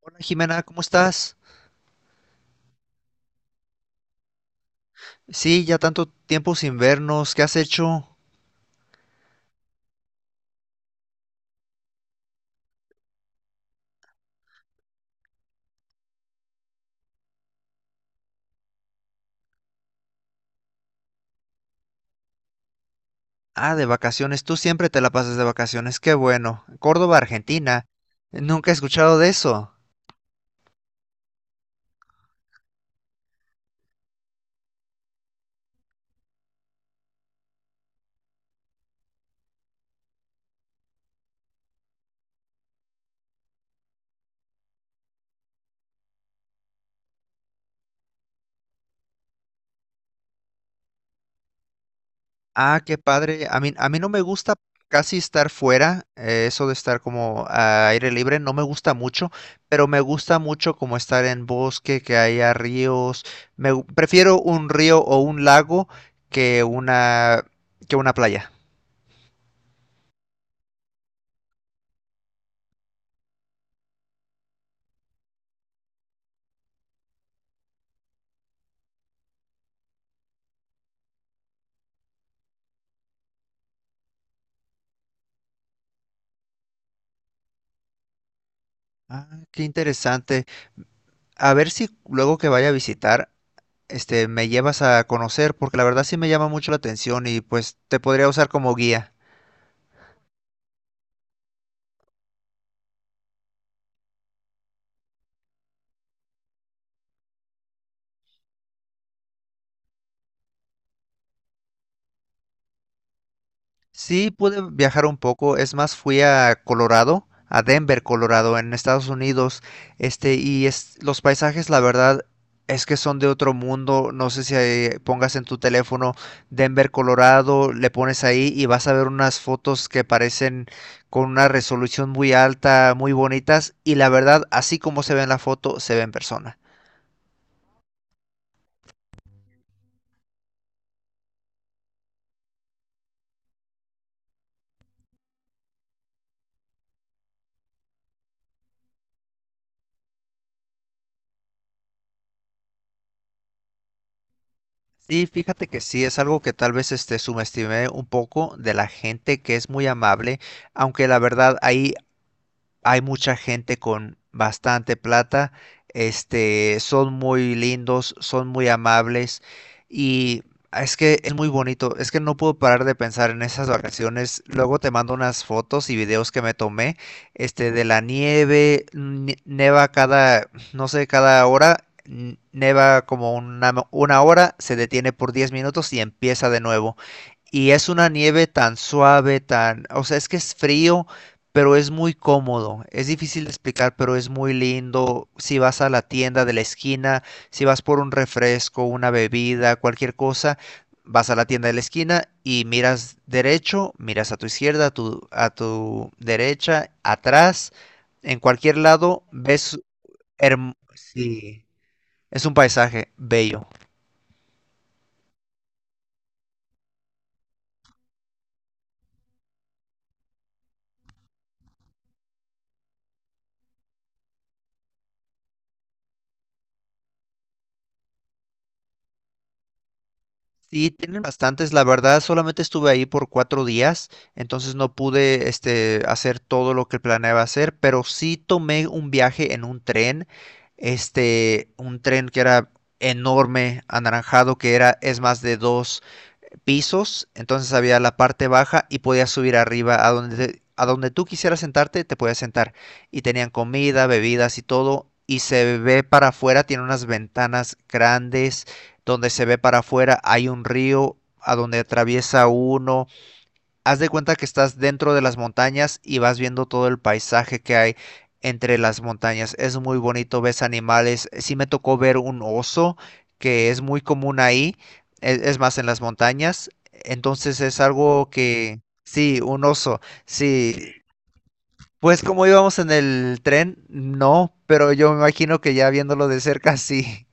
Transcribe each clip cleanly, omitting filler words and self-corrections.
Hola, Jimena, ¿cómo estás? Sí, ya tanto tiempo sin vernos, ¿qué has hecho? Ah, de vacaciones, tú siempre te la pasas de vacaciones, qué bueno. Córdoba, Argentina, nunca he escuchado de eso. Ah, qué padre, a mí no me gusta casi estar fuera, eso de estar como a aire libre, no me gusta mucho, pero me gusta mucho como estar en bosque, que haya ríos. Prefiero un río o un lago que una, que una playa. Ah, qué interesante. A ver si luego que vaya a visitar, me llevas a conocer, porque la verdad sí me llama mucho la atención y pues te podría usar como guía. Sí, pude viajar un poco, es más, fui a Colorado, a Denver, Colorado, en Estados Unidos, y es, los paisajes, la verdad, es que son de otro mundo, no sé si pongas en tu teléfono Denver, Colorado, le pones ahí y vas a ver unas fotos que parecen con una resolución muy alta, muy bonitas, y la verdad, así como se ve en la foto, se ve en persona. Sí, fíjate que sí, es algo que tal vez subestimé un poco de la gente que es muy amable, aunque la verdad ahí hay mucha gente con bastante plata, son muy lindos, son muy amables y es que es muy bonito, es que no puedo parar de pensar en esas vacaciones. Luego te mando unas fotos y videos que me tomé, de la nieve, neva cada, no sé, cada hora. Neva como una hora, se detiene por 10 minutos y empieza de nuevo. Y es una nieve tan suave, tan, o sea, es que es frío, pero es muy cómodo. Es difícil de explicar, pero es muy lindo. Si vas a la tienda de la esquina, si vas por un refresco, una bebida, cualquier cosa, vas a la tienda de la esquina y miras derecho, miras a tu izquierda, a tu derecha, atrás, en cualquier lado, ves sí, es un paisaje bello. Sí, tienen bastantes. La verdad, solamente estuve ahí por 4 días, entonces no pude, hacer todo lo que planeaba hacer, pero sí tomé un viaje en un tren, un tren que era enorme, anaranjado, que era, es más de dos pisos, entonces había la parte baja y podías subir arriba a donde, a donde tú quisieras sentarte, te podías sentar. Y tenían comida, bebidas y todo. Y se ve para afuera, tiene unas ventanas grandes donde se ve para afuera, hay un río a donde atraviesa uno. Haz de cuenta que estás dentro de las montañas y vas viendo todo el paisaje que hay entre las montañas. Es muy bonito, ves animales. Sí me tocó ver un oso, que es muy común ahí, es, más en las montañas. Entonces es algo que, sí, un oso, sí. Pues como íbamos en el tren, no, pero yo me imagino que ya viéndolo de cerca, sí.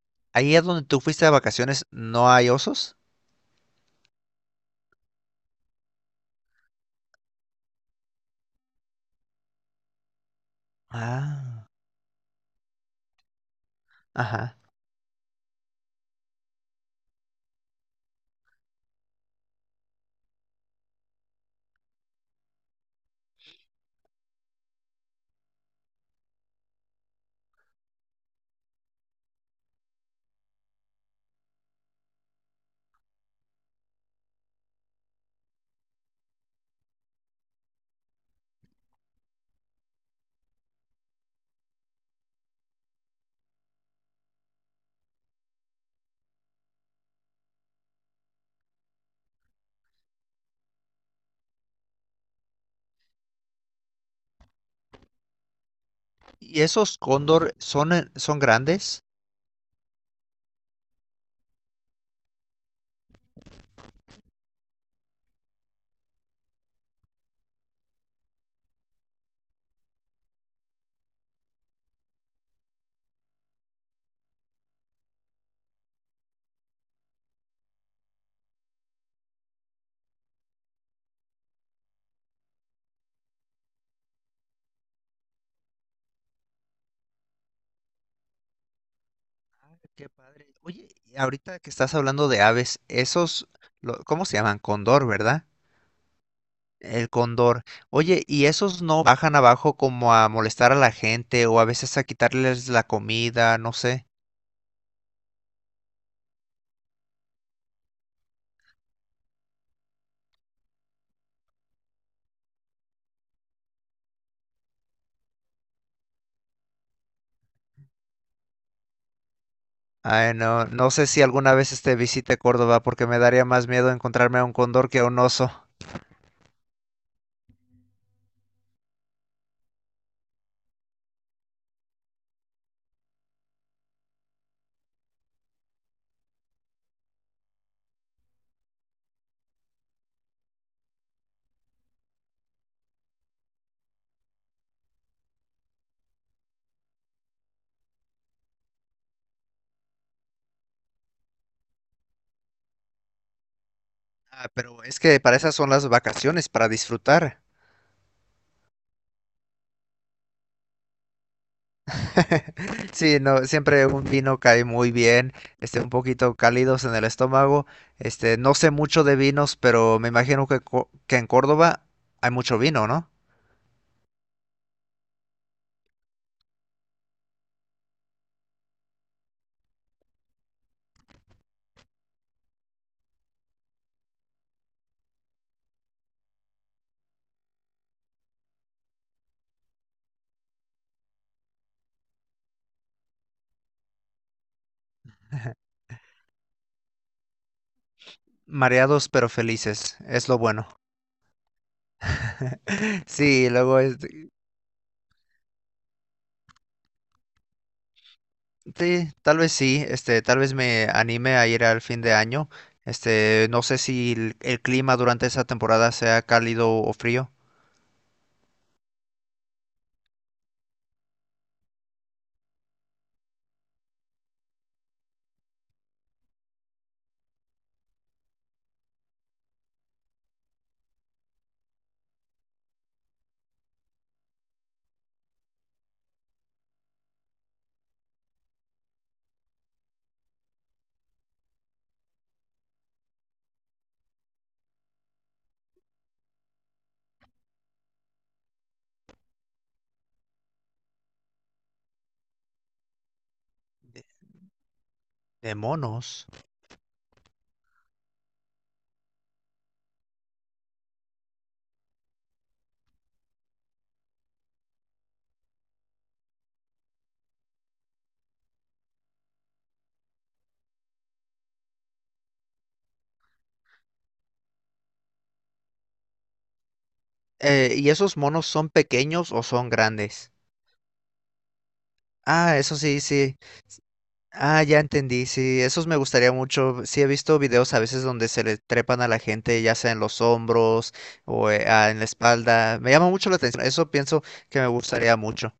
Ahí es donde tú fuiste de vacaciones, ¿no hay osos? Ah, ajá. Y esos cóndor son, son grandes. Qué padre. Oye, y ahorita que estás hablando de aves, esos, ¿cómo se llaman? Cóndor, ¿verdad? El cóndor. Oye, ¿y esos no bajan abajo como a molestar a la gente o a veces a quitarles la comida? No sé. Ay, no, no sé si alguna vez visite Córdoba porque me daría más miedo encontrarme a un cóndor que a un oso. Ah, pero es que para esas son las vacaciones, para disfrutar. Sí, no, siempre un vino cae muy bien, un poquito cálidos en el estómago. No sé mucho de vinos, pero me imagino que en Córdoba hay mucho vino, ¿no? Mareados pero felices, es lo bueno. Sí, luego, sí, tal vez sí, tal vez me anime a ir al fin de año. No sé si el clima durante esa temporada sea cálido o frío. De monos. ¿Y esos monos son pequeños o son grandes? Ah, eso sí, sí. Ah, ya entendí, sí, esos me gustaría mucho. Sí, he visto videos a veces donde se le trepan a la gente, ya sea en los hombros o en la espalda. Me llama mucho la atención, eso pienso que me gustaría mucho.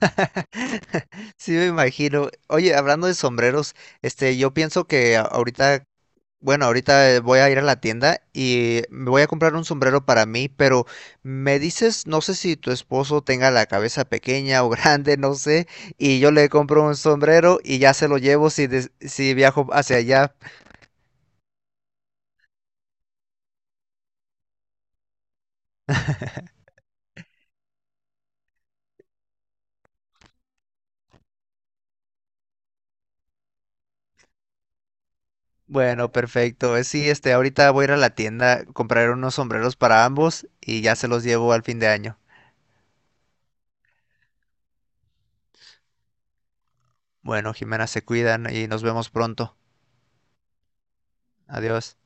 Sí, me imagino. Oye, hablando de sombreros, yo pienso que ahorita. Bueno, ahorita voy a ir a la tienda y me voy a comprar un sombrero para mí, pero me dices, no sé si tu esposo tenga la cabeza pequeña o grande, no sé, y yo le compro un sombrero y ya se lo llevo si viajo hacia allá. Bueno, perfecto. Sí, ahorita voy a ir a la tienda, comprar unos sombreros para ambos y ya se los llevo al fin de año. Bueno, Jimena, se cuidan y nos vemos pronto. Adiós.